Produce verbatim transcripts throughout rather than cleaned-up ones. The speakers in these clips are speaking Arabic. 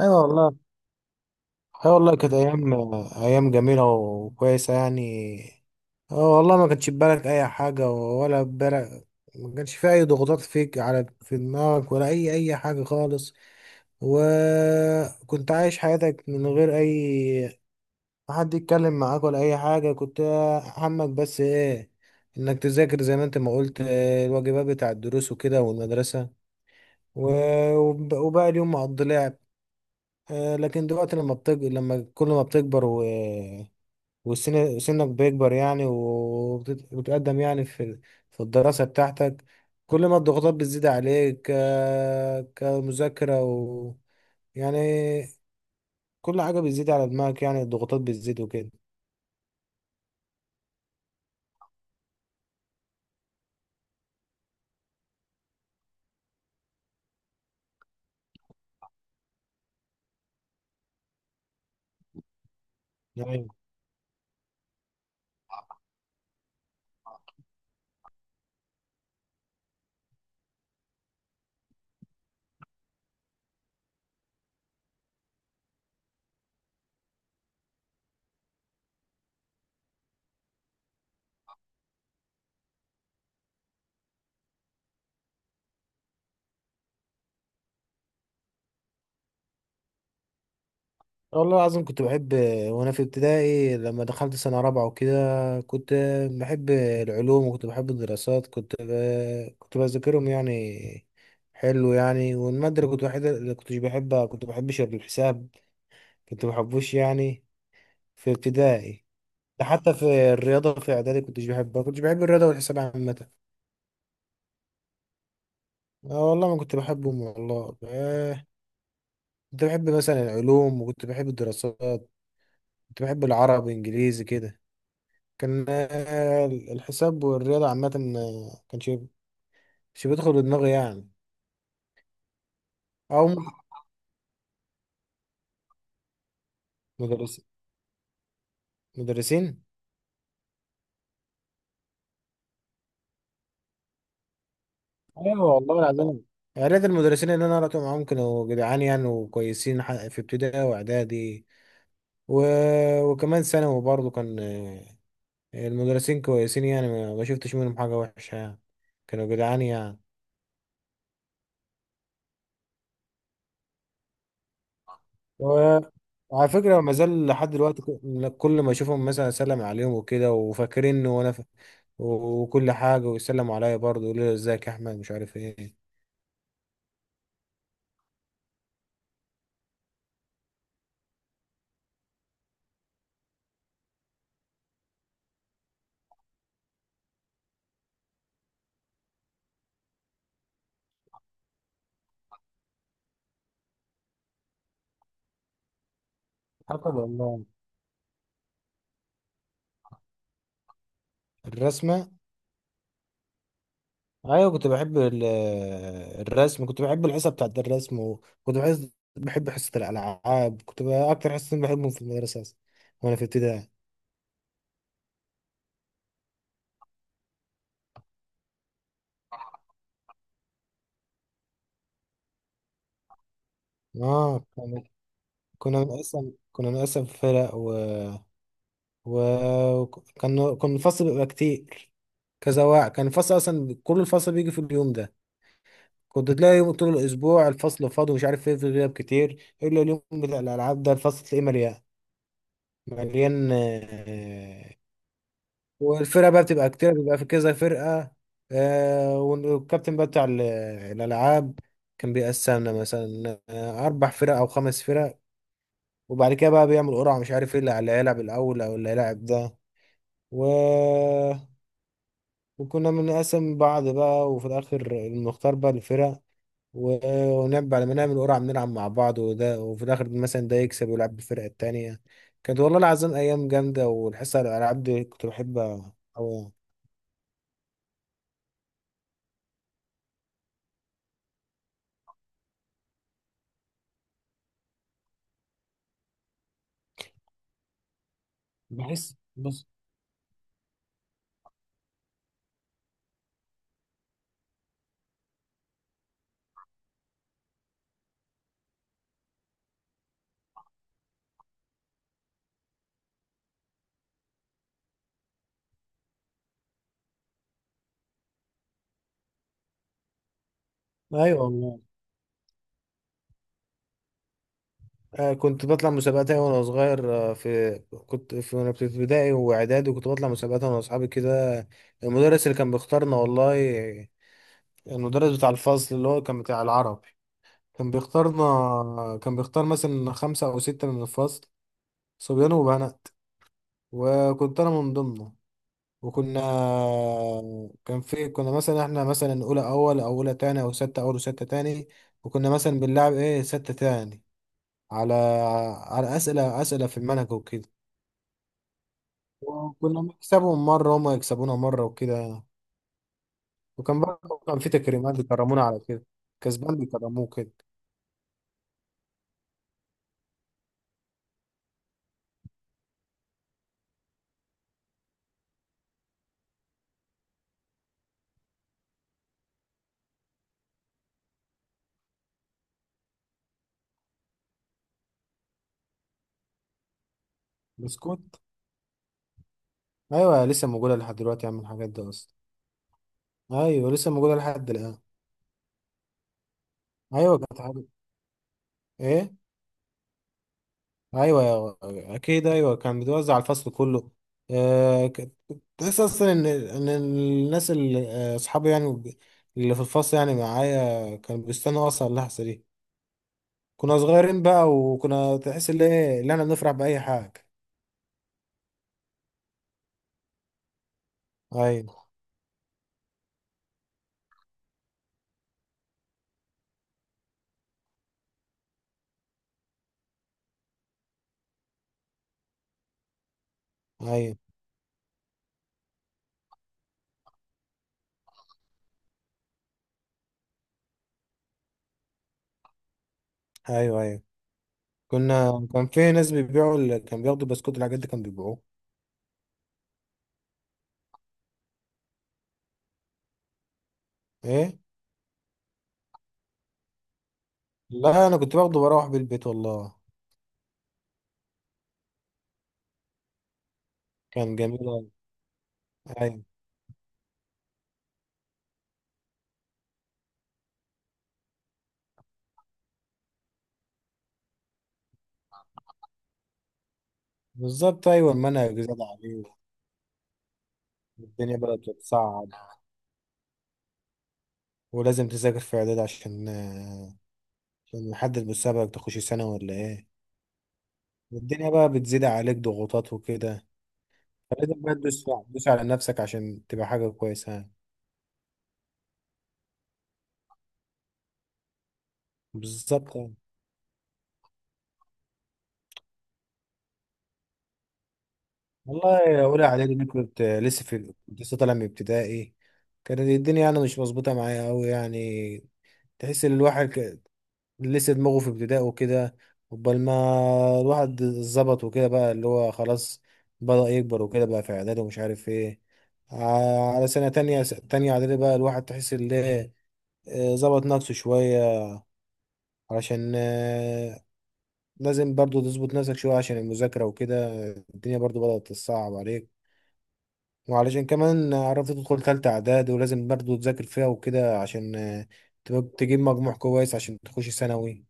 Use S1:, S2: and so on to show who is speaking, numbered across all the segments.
S1: ايوه والله. ايوه والله كانت ايام، ايام جميله وكويسه يعني. اه والله ما كانش في بالك اي حاجه ولا في بالك، ما كانش في اي ضغوطات فيك على في دماغك ولا اي اي حاجه خالص، وكنت عايش حياتك من غير اي، ما حد يتكلم معاك ولا اي حاجه، كنت همك بس ايه؟ انك تذاكر زي ما انت ما قلت، آه، الواجبات بتاع الدروس وكده والمدرسه، و- وب- وباقي اليوم مقضي لعب. آه، لكن دلوقتي لما بتج... لما كل ما بتكبر و... وسن سنك بيكبر يعني وبتت- وبتقدم يعني في في الدراسة بتاعتك، كل ما الضغوطات بتزيد عليك، ك... كمذاكرة و... يعني، كل حاجة بتزيد على دماغك، يعني الضغوطات بتزيد وكده. والله العظيم كنت بحب، وانا في ابتدائي لما دخلت سنة رابعة وكده كنت بحب العلوم وكنت بحب الدراسات، كنت ب... كنت بذاكرهم يعني، حلو يعني. والمادة اللي كنت بحب، اللي كنتش بحبها، كنت بحبش الحساب، كنت بحبوش يعني، في ابتدائي. ده حتى في الرياضة في اعدادي كنتش بحبها، كنتش بحب الرياضة والحساب عامة. اه والله ما كنت بحبهم والله، آه، كنت بحب مثلا العلوم وكنت بحب الدراسات، كنت بحب العربي انجليزي كده. كان آه، الحساب والرياضة عامة، آه، كان شيء شيء بيدخل دماغي يعني. أو مدرسين، مدرسين. أيوة والله العظيم، يا ريت المدرسين اللي أنا قرأت معاهم كانوا جدعان يعني وكويسين، ح- في ابتدائي وإعدادي و... وكمان ثانوي برضه كان، آه، المدرسين كويسين يعني، ما ما شفتش منهم حاجة وحشة يعني، كانوا جدعان يعني. و... وعلى فكرة ما زال لحد دلوقتي، ك- كل ما أشوفهم مثلا أسلم عليهم وكده، وفاكريني وأنا وكل حاجة، ويسلموا عليا برضه يقولوا لي ازيك يا أحمد مش عارف ايه. حسب والله الرسمة. أيوة كنت بحب ال- الرسم، كنت بحب الحصة بتاعت الرسم، وكنت بحس بحب حصة الألعاب، كنت بقى أكتر حصتين بحبهم في المدرسة أصلا وأنا في ابتدائي. آه كنا، كنا بنقسم كنا بنقسم فرق و... و... كان، كان الفصل بيبقى كتير، كذا واحد، كان الفصل أصلا كل الفصل بيجي في اليوم ده. كنت تلاقي طول الاسبوع الفصل فاضي ومش عارف ايه، في غياب كتير، الا اليوم بتاع الالعاب ده الفصل تلاقيه مليان، مليان آه، والفرقه بقى بتبقى كتير، بيبقى في كذا فرقه. آه، والكابتن بقى بتاع ال- الالعاب كان بيقسمنا مثلا آه، اربع فرق او خمس فرق، وبعد كده بقى بيعمل قرعه مش عارف ايه اللي اللي هيلعب الاول او اللي هيلعب ده، و... وكنا بنقسم بعض بقى، وفي الاخر المختار بقى الفرق، و- ونلعب على ما نعمل قرعة، بنلعب مع بعض وده، وفي الآخر مثلا ده يكسب ويلعب بالفرقة التانية. كانت والله العظيم أيام جامدة، والحصة على الألعاب دي كنت بحبها أوي. بحس بص. أيوة والله، آه، كنت بطلع مسابقات أيوة وأنا صغير، آه، في كنت في وأنا في ابتدائي وإعدادي وكنت بطلع مسابقات أنا وأصحابي كده. المدرس اللي كان بيختارنا والله، المدرس بتاع الفصل اللي هو كان بتاع العربي كان بيختارنا، كان بيختار مثلا خمسة أو ستة من الفصل، صبيان وبنات، وكنت انا من ضمنه. وكنا، كان في كنا مثلا احنا مثلا اولى اول او اولى تاني او ستة اول وستة تاني، وكنا مثلا بنلعب ايه ستة تاني، على، على اسئلة اسئلة في المنهج وكده، وكنا بنكسبهم مرة وهم يكسبونا مرة وكده، وكان برضه كان في تكريمات بيكرمونا على كده، كسبان بيكرموه كده. بسكوت، ايوه لسه موجودة لحد دلوقتي يا عم الحاجات دي اصلا. ايوه لسه موجودة لحد الان. ايوه كانت حاجة، ايه. ايوه اكيد، ايوه كان بيتوزع على الفصل كله، آه، ك- تحس اصلا ان ان الناس اللي، آه، اصحابي يعني اللي في الفصل يعني معايا كانوا بيستنوا اصلا اللحظه دي، كنا صغيرين بقى، وكنا تحس ان ايه، اللي احنا بنفرح باي حاجه. ايوه، ايوه، ايوه، ايوه. كنا، كان في ناس بيبيعوا ال- كان بياخدوا بسكوت الحاجات دي كانوا بيبيعوه. ايه. لا انا كنت باخده بروح بالبيت والله. كان جميل أوي. ايوه بالظبط، ايوه المنهج زاد عليه، الدنيا بدأت تتصعب، ولازم تذاكر في اعداد عشان، آه، عشان نحدد مستقبلك تخش ثانوي ولا ايه، والدنيا بقى بتزيد عليك ضغوطات وكده، فلازم بقى تدوس تدوس على نفسك عشان تبقى حاجة كويسة. بالظبط يعني. والله أولى إعدادي دي كنت لسه في، كنت لسه طالع من ابتدائي، كانت الدنيا يعني مش مظبوطة معايا أوي يعني، تحس إن الواحد لسه دماغه في ابتدائه وكده، قبل ما الواحد ظبط وكده بقى اللي هو خلاص بدأ يكبر وكده بقى في إعدادي ومش عارف إيه. ع- على سنة تانية تانية إعدادي بقى الواحد تحس إن إيه، آه، ظبط نفسه شوية، علشان، آه، لازم برضو تظبط نفسك شوية عشان المذاكرة وكده، الدنيا برضو بدأت تصعب عليك، وعلشان كمان عرفت تدخل تالتة إعدادي ولازم برضو تذاكر فيها وكده عشان، آه، تبقى- تجيب مجموع كويس عشان تخش ثانوي.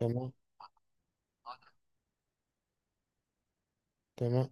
S1: تمام، تمام.